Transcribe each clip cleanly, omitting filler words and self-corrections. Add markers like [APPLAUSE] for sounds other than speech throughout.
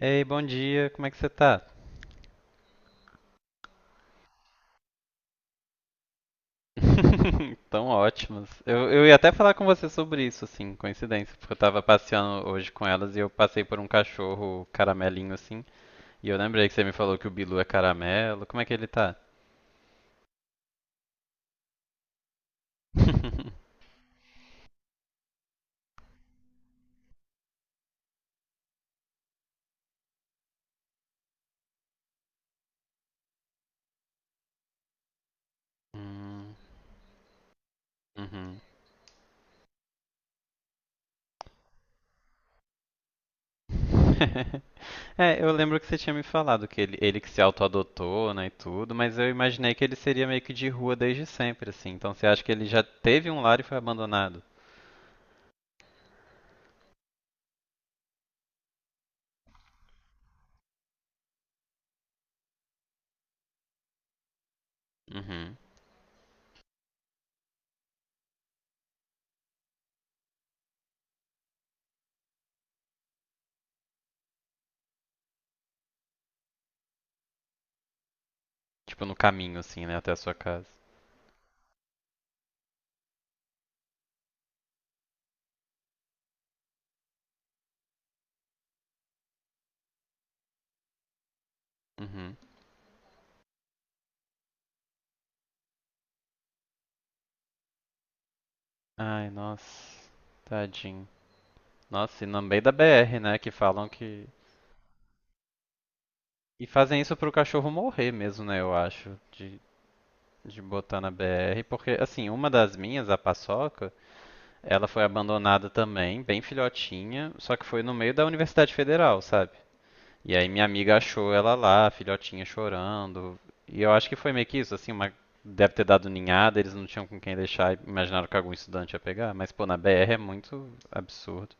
Ei, bom dia, como é que você tá? [LAUGHS] Tão ótimas. Eu ia até falar com você sobre isso, assim, coincidência, porque eu tava passeando hoje com elas e eu passei por um cachorro caramelinho, assim, e eu lembrei que você me falou que o Bilu é caramelo. Como é que ele tá? [LAUGHS] Hum, uhum. [LAUGHS] É, eu lembro que você tinha me falado que ele que se auto-adotou, né, e tudo, mas eu imaginei que ele seria meio que de rua desde sempre, assim. Então você acha que ele já teve um lar e foi abandonado? Uhum. Tipo, no caminho, assim, né? Até a sua casa. Uhum. Ai, nossa. Tadinho. Nossa, e no meio da BR, né? Que falam que. E fazem isso pro cachorro morrer mesmo, né? Eu acho. De botar na BR. Porque, assim, uma das minhas, a Paçoca, ela foi abandonada também, bem filhotinha. Só que foi no meio da Universidade Federal, sabe? E aí minha amiga achou ela lá, a filhotinha chorando. E eu acho que foi meio que isso, assim, uma deve ter dado ninhada, eles não tinham com quem deixar e imaginaram que algum estudante ia pegar. Mas, pô, na BR é muito absurdo.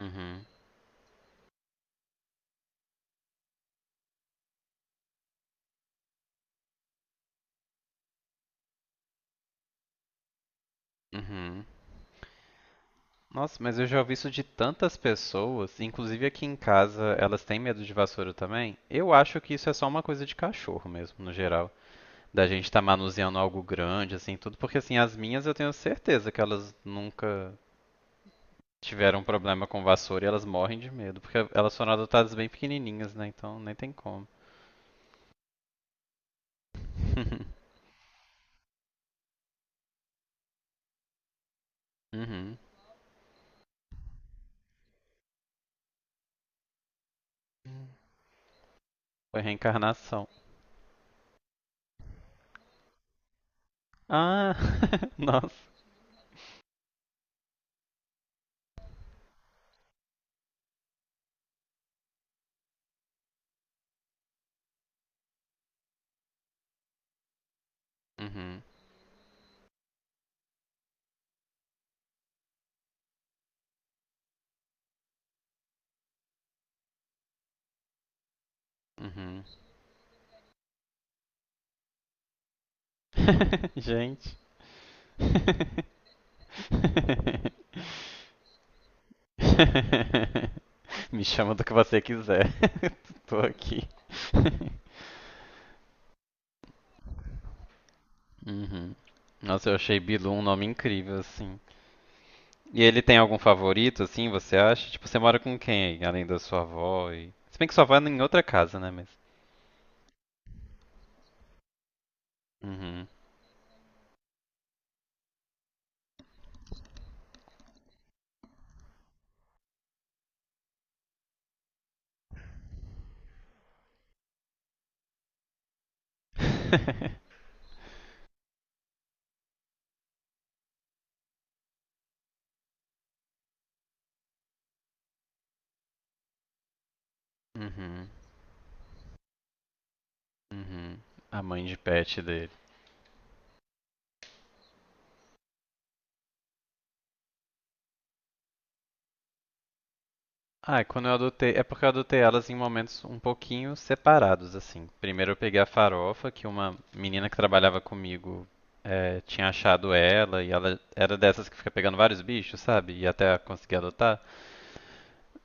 Uhum, uhum. Nossa, mas eu já ouvi isso de tantas pessoas, inclusive aqui em casa, elas têm medo de vassoura também. Eu acho que isso é só uma coisa de cachorro mesmo, no geral. Da gente estar manuseando algo grande, assim, tudo, porque assim, as minhas eu tenho certeza que elas nunca tiveram um problema com vassoura e elas morrem de medo, porque elas foram adotadas bem pequenininhas, né? Então nem tem como. [LAUGHS] Uhum. Foi reencarnação. Ah, [LAUGHS] nossa. Uhum. Uhum. [LAUGHS] Gente. [LAUGHS] Me chama do que você quiser. [LAUGHS] Tô aqui. Uhum. Nossa, eu achei Bilu um nome incrível, assim. E ele tem algum favorito, assim, você acha? Tipo, você mora com quem aí, além da sua avó e Se bem que sua avó é em outra casa, né, mas Uhum. [LAUGHS] uhum. Uhum. A mãe de pet dele. Ah, quando eu adotei É porque eu adotei elas em momentos um pouquinho separados, assim. Primeiro eu peguei a farofa, que uma menina que trabalhava comigo é, tinha achado ela e ela era dessas que fica pegando vários bichos, sabe? E até conseguir adotar.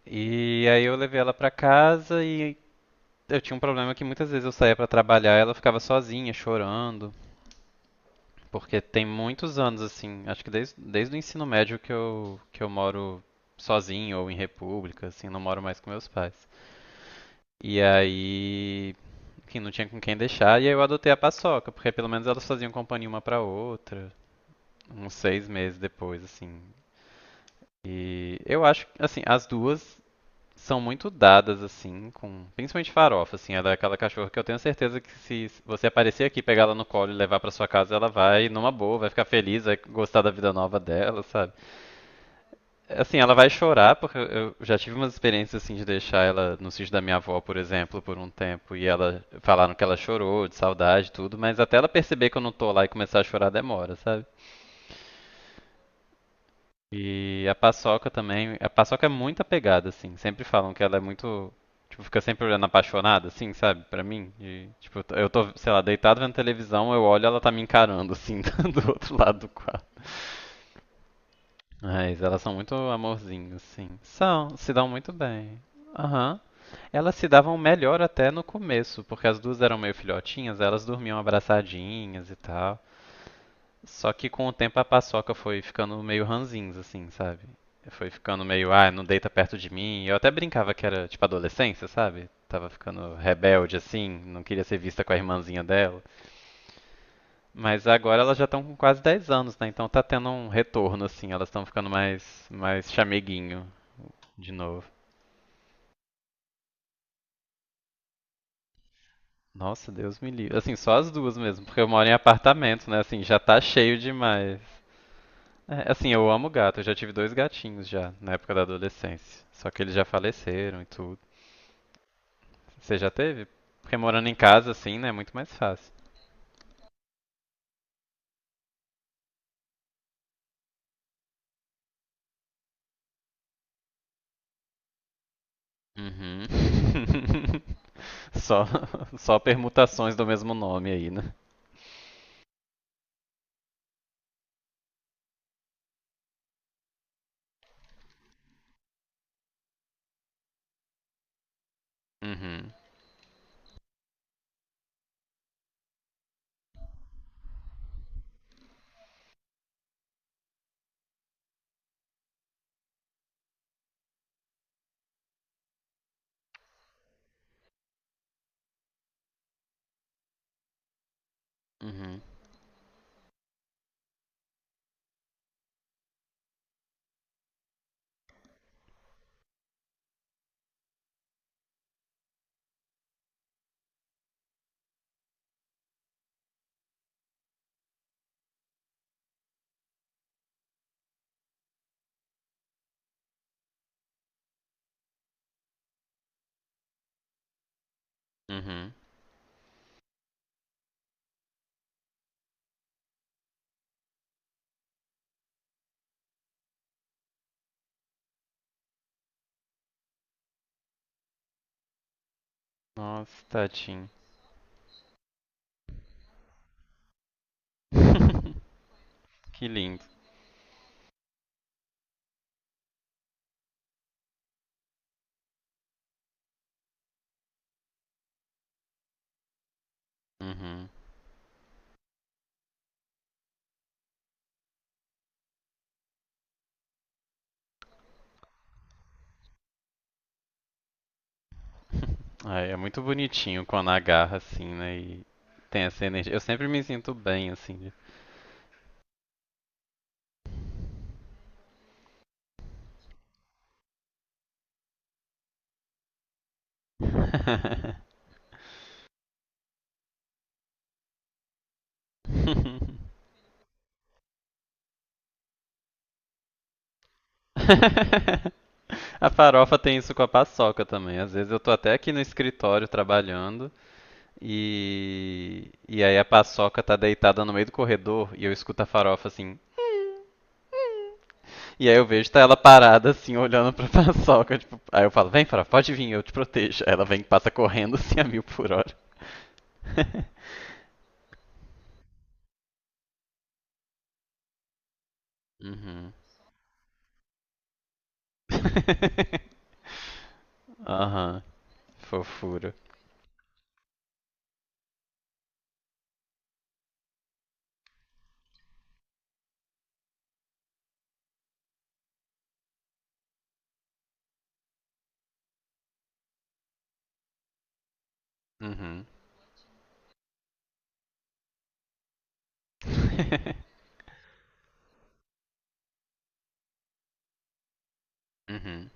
E aí eu levei ela pra casa e eu tinha um problema que muitas vezes eu saía pra trabalhar e ela ficava sozinha, chorando. Porque tem muitos anos, assim, acho que desde o ensino médio que eu moro sozinho ou em república, assim, não moro mais com meus pais. E aí, enfim, não tinha com quem deixar, e aí eu adotei a paçoca, porque pelo menos elas faziam companhia uma pra outra, uns 6 meses depois, assim. E eu acho, assim, as duas são muito dadas, assim, com. Principalmente farofa, assim, ela é aquela cachorra que eu tenho certeza que se você aparecer aqui, pegar ela no colo e levar pra sua casa, ela vai numa boa, vai ficar feliz, vai gostar da vida nova dela, sabe? Assim, ela vai chorar, porque eu já tive umas experiências assim de deixar ela no sítio da minha avó, por exemplo, por um tempo, e ela falaram que ela chorou de saudade e tudo, mas até ela perceber que eu não tô lá e começar a chorar demora, sabe? E a paçoca também. A paçoca é muito apegada, assim. Sempre falam que ela é muito. Tipo, fica sempre olhando apaixonada, assim, sabe? Pra mim. E, tipo, eu tô, sei lá, deitado vendo televisão, eu olho e ela tá me encarando, assim, [LAUGHS] do outro lado do quarto. Mas elas são muito amorzinhos, assim. São, se dão muito bem. Aham. Elas se davam melhor até no começo, porque as duas eram meio filhotinhas, elas dormiam abraçadinhas e tal. Só que com o tempo a paçoca foi ficando meio ranzinza, assim, sabe? Foi ficando meio, ah, não deita perto de mim. Eu até brincava que era tipo adolescência, sabe? Tava ficando rebelde, assim, não queria ser vista com a irmãzinha dela. Mas agora elas já estão com quase 10 anos, né? Então tá tendo um retorno, assim, elas estão ficando mais chameguinho de novo. Nossa, Deus me livre. Assim, só as duas mesmo, porque eu moro em apartamento, né? Assim, já tá cheio demais. É, assim, eu amo gato. Eu já tive dois gatinhos já, na época da adolescência. Só que eles já faleceram e tudo. Você já teve? Porque morando em casa, assim, né, é muito mais fácil. Uhum. [LAUGHS] Só, só permutações do mesmo nome aí, né? Uhum. Uhum. Uhum. Nossa, tadinho. [LAUGHS] Que lindo. Uhum. Ai, é muito bonitinho quando agarra assim, né? E tem essa energia. Eu sempre me sinto bem assim. De- [LAUGHS] [LAUGHS] A farofa tem isso com a paçoca também. Às vezes eu tô até aqui no escritório trabalhando e aí a paçoca tá deitada no meio do corredor e eu escuto a farofa assim. E aí eu vejo tá ela parada assim olhando pra [LAUGHS] paçoca, tipo, aí eu falo: "Vem, farofa, pode vir, eu te protejo". Aí ela vem e passa correndo assim a 1000 por hora. [LAUGHS] Uhum. [LAUGHS] Aham, fofo. Uhum. [LAUGHS] Uhum.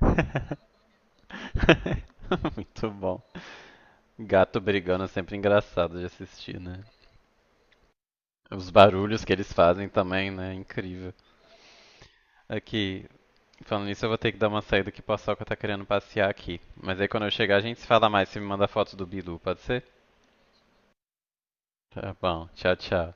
[LAUGHS] [LAUGHS] Muito bom. Gato brigando é sempre engraçado de assistir, né? Os barulhos que eles fazem também, né? É incrível. Aqui, falando nisso, eu vou ter que dar uma saída que o Paçoca tá querendo passear aqui. Mas aí quando eu chegar, a gente se fala mais. Se me manda foto do Bilu, pode ser? Tá bom. Tchau, tchau.